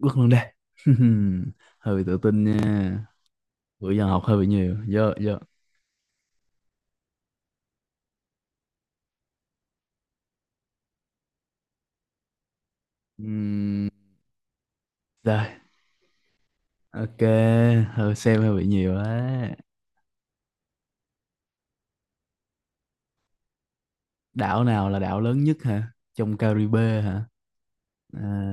Quất luôn đây. Hơi tự tin nha. Bữa giờ học hơi bị nhiều. Giờ giờ. Ừm, Rồi. Ok. Hơi xem hơi bị nhiều á. Đảo nào là đảo lớn nhất hả? Trong Caribe hả? À,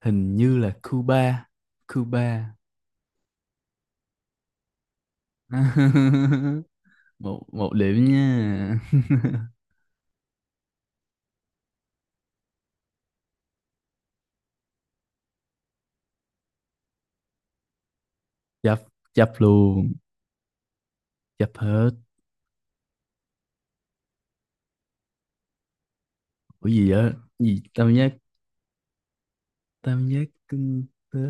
Hình như là Cuba. Cuba. một một điểm nha. chấp Chấp luôn. Chấp hết. Ủa gì vậy? Gì tam giác, tam giác kinh tế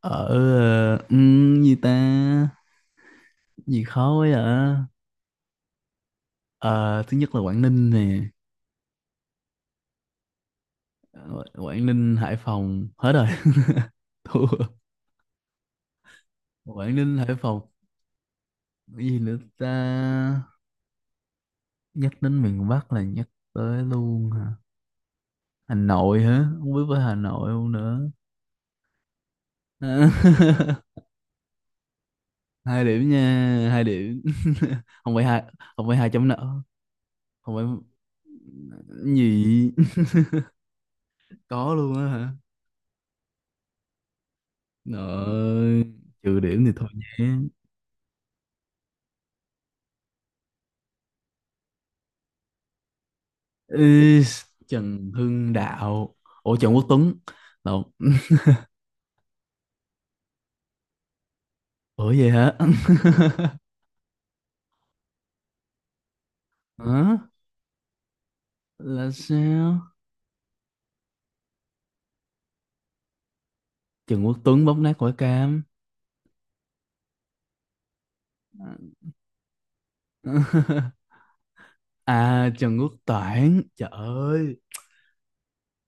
ở ờ, gì ta Gì khó quá à. Ờ, thứ nhất là Quảng Ninh nè. Ờ, Quảng Ninh, Hải Phòng. Hết rồi. Thua. Quảng Ninh, Hải Phòng. Cái gì nữa ta? Nhắc đến miền Bắc là nhắc tới luôn hả? Hà Nội hả? Không biết với Hà Nội không nữa. À, 2 điểm nha, 2 điểm. Không phải 2, không phải 2.0 nợ. Không phải cái gì. Có luôn á hả? Rồi, trừ điểm thì thôi nhé. Ý, Trần Hưng Đạo. Ủa, Trần Quốc Tuấn. Lộn. Ủa vậy hả? Hả? Là sao? Trần Quốc Tuấn bóp nát quả cam. À, Trần Quốc Toản. Trời ơi.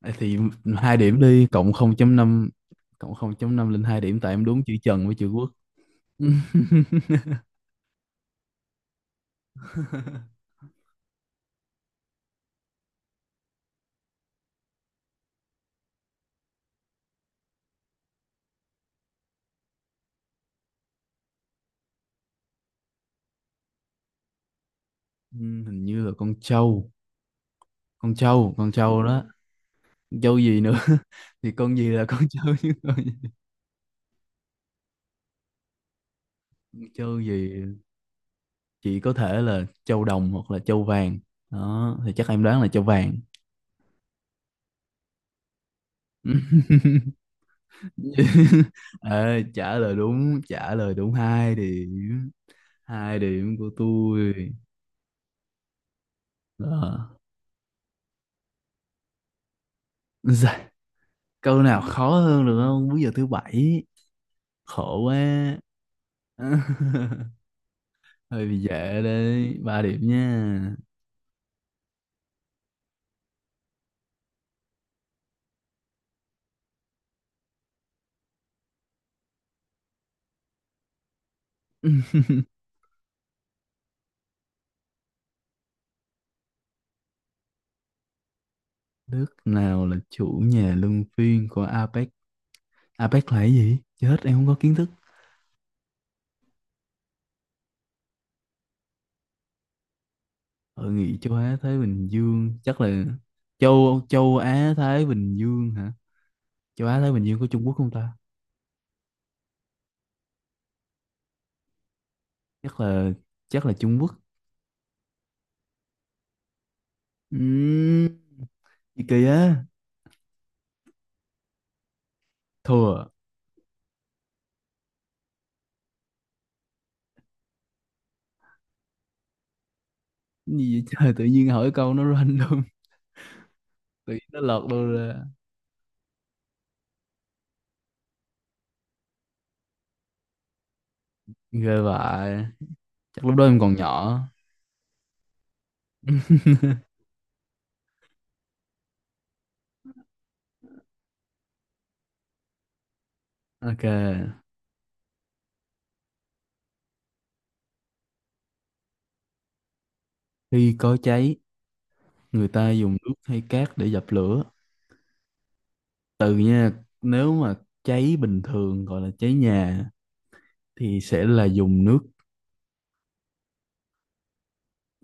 Vậy thì 2 điểm đi. Cộng 0.5, cộng không chấm năm lên 2 điểm. Tại em đúng chữ Trần với chữ Quốc. Ừ, hình như là con trâu. Con trâu, con trâu đó. Con trâu gì nữa? Thì con gì là con trâu chứ. Con trâu gì? Chị có thể là châu đồng hoặc là châu vàng, đó thì chắc em đoán là châu vàng. Ê, trả lời đúng, trả lời đúng 2 điểm. Hai điểm của tôi. Ờ. Dạ, câu nào khó hơn được không? Bây giờ thứ 7. Khổ quá. Hơi bị dễ đấy, 3 điểm nha. Nước nào là chủ nhà luân phiên của APEC? APEC là cái gì? Chết, em không có kiến thức. Hội nghị châu Á Thái Bình Dương chắc là châu châu Á Thái Bình Dương hả? Châu Á Thái Bình Dương có Trung Quốc không ta? Chắc là, chắc là Trung Quốc. Ừm, Gì kỳ á. Thua à? Cái gì vậy? Trời, tự nhiên hỏi câu nó random. Tự nhiên nó lọt đâu ra. Ghê vậy. Chắc lúc đó em còn nhỏ. Ok, khi có cháy người ta dùng nước hay cát để dập lửa? Từ nha, nếu mà cháy bình thường gọi là cháy nhà thì sẽ là dùng nước.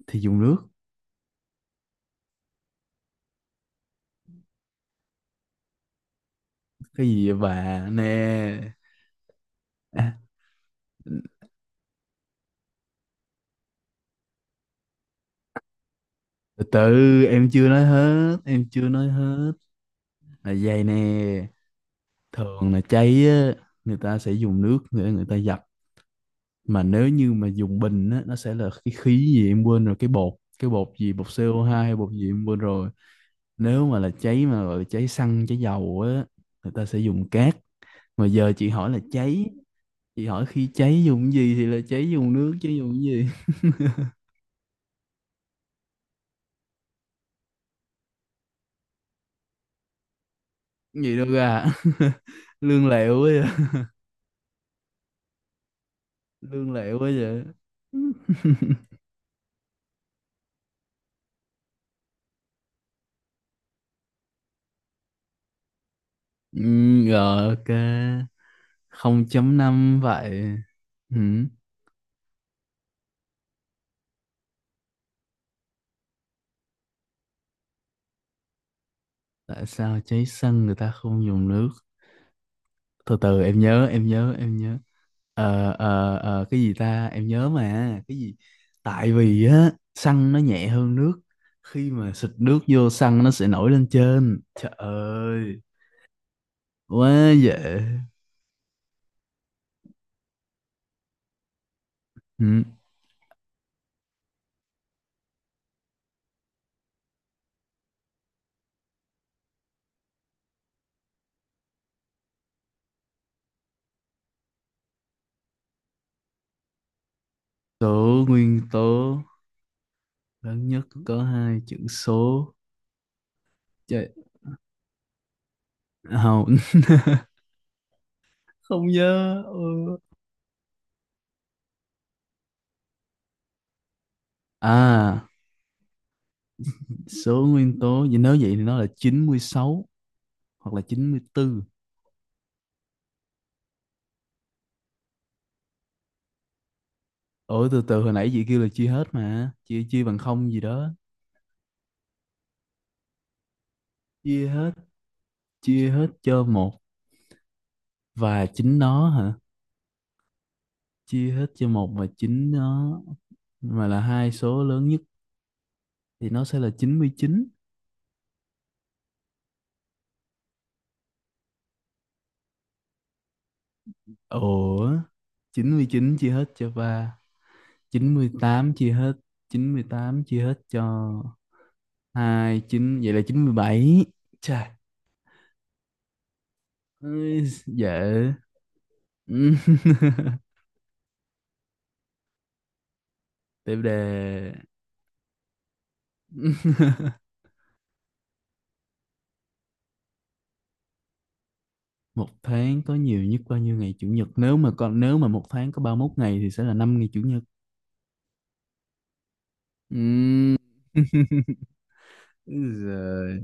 Thì dùng nước. Cái gì vậy bà nè. À, từ từ, em chưa nói hết. Là vậy nè, thường là cháy á, người ta sẽ dùng nước để người ta dập. Mà nếu như mà dùng bình á, nó sẽ là cái khí gì em quên rồi, cái bột. Cái bột gì, bột CO2 hay bột gì em quên rồi. Nếu mà là cháy mà gọi là cháy xăng, cháy dầu á, người ta sẽ dùng cát. Mà giờ chị hỏi là cháy, chị hỏi khi cháy dùng cái gì thì là cháy dùng nước chứ dùng cái gì. Cái gì đâu ra. Lương lẹo ấy. Lương lẹo quá vậy. Ừ, rồi ok. 0.5 vậy. Ừ. Tại sao cháy xăng người ta không dùng nước? Từ từ em nhớ em nhớ em nhớ. Cái gì ta, em nhớ mà, cái gì. Tại vì á, xăng nó nhẹ hơn nước, khi mà xịt nước vô, xăng nó sẽ nổi lên trên. Trời ơi, quá dễ. Ừ. Số nguyên tố lớn nhất có hai chữ số. Trời, không. Không nhớ. Ừ. À, số nguyên tố, vậy nếu vậy thì nó là 96 hoặc là 94. Ủa, từ từ, hồi nãy chị kêu là chia hết mà, chia chia bằng không gì đó. Chia hết, chia hết cho một và chính nó hả? Chia hết cho một và chính nó mà là hai số lớn nhất thì nó sẽ là 99. Ủa, 99 chia hết cho ba, 98 chia hết, 98 chia hết cho hai. Chín vậy là 97. Chà. Ôi, dễ. Ừ. Tiếp đề. Một tháng có nhiều nhất bao nhiêu ngày chủ nhật? Nếu mà con, nếu mà một tháng có 31 ngày thì sẽ là 5 ngày chủ nhật. Ừm. Rồi.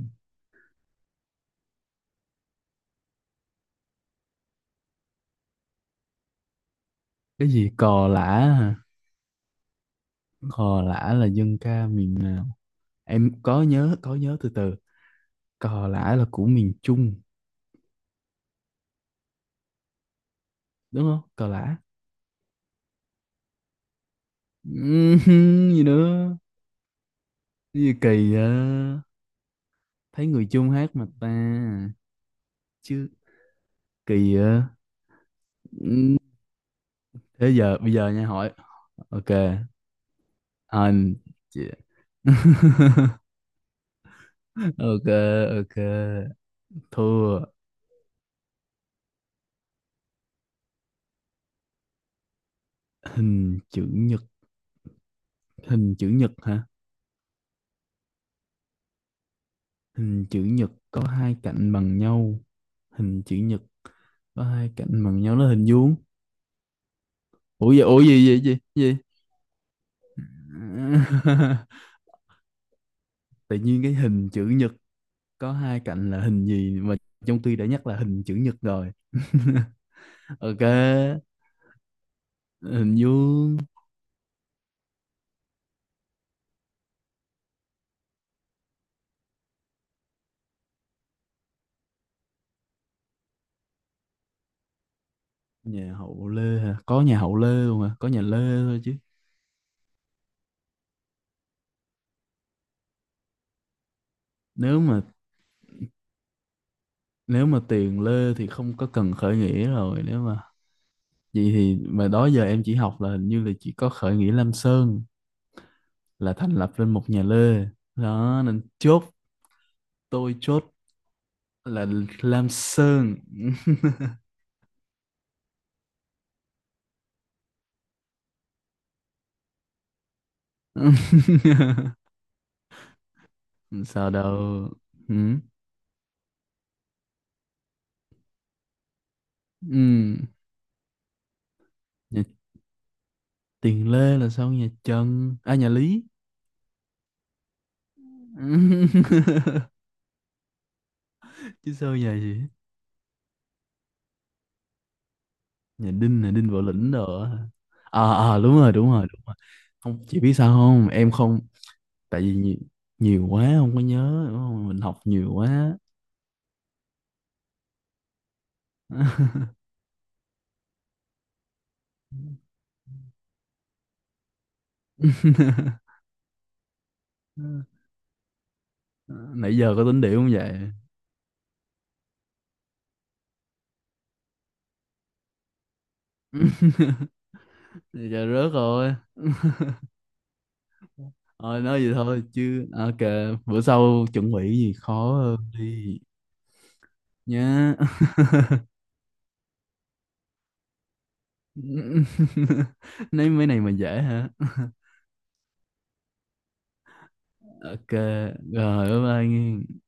Cái gì, cò lả hả? Cò lả là dân ca miền nào? Em có nhớ, có nhớ, từ từ. Cò lả là của miền Trung, đúng không? Cò lả. Ừm. Gì nữa? Cái gì kỳ vậy. Thấy người Trung hát mà ta. Chứ, kỳ vậy. Thế giờ, bây giờ nha, hỏi. Ok. anh chị- ok, ok. Thua. Hình chữ nhật. Hình chữ nhật hả? Hình chữ nhật có hai cạnh bằng nhau. Hình chữ nhật có hai cạnh bằng nhau nó hình vuông. Ủa gì, ủa gì gì gì gì. Tự nhiên cái hình chữ nhật có hai cạnh là hình gì mà, trong khi đã nhắc là hình chữ nhật rồi. Ok, hình vuông. Nhà hậu Lê hả? Có nhà hậu Lê luôn hả? Có nhà Lê thôi chứ. nếu mà Nếu mà tiền Lê thì không có cần khởi nghĩa rồi. Nếu mà vậy thì mà đó giờ em chỉ học là hình như là chỉ có khởi nghĩa Lam Sơn là thành lập lên một nhà Lê, đó nên chốt. Tôi chốt là Lam Sơn. Sao đâu. Ừ. Ừ. Nhà tiền Lê là sao, nhà Trần à, nhà Lý? Chứ sao, nhà gì? Nhà Đinh là Đinh Võ Lĩnh đồ á. À, à đúng rồi, đúng rồi, đúng rồi. Không, chị biết sao không, em không. Tại vì nhiều, nhiều quá không có nhớ đúng không? Mình học nhiều quá. Nãy giờ có tính điểm không vậy? Nãy giờ rớt rồi. Thôi nói gì thôi chứ, ok. Bữa sau chuẩn bị gì khó hơn đi nhá. Nói mấy này mà dễ hả. Ok. Rồi bye bye nghe.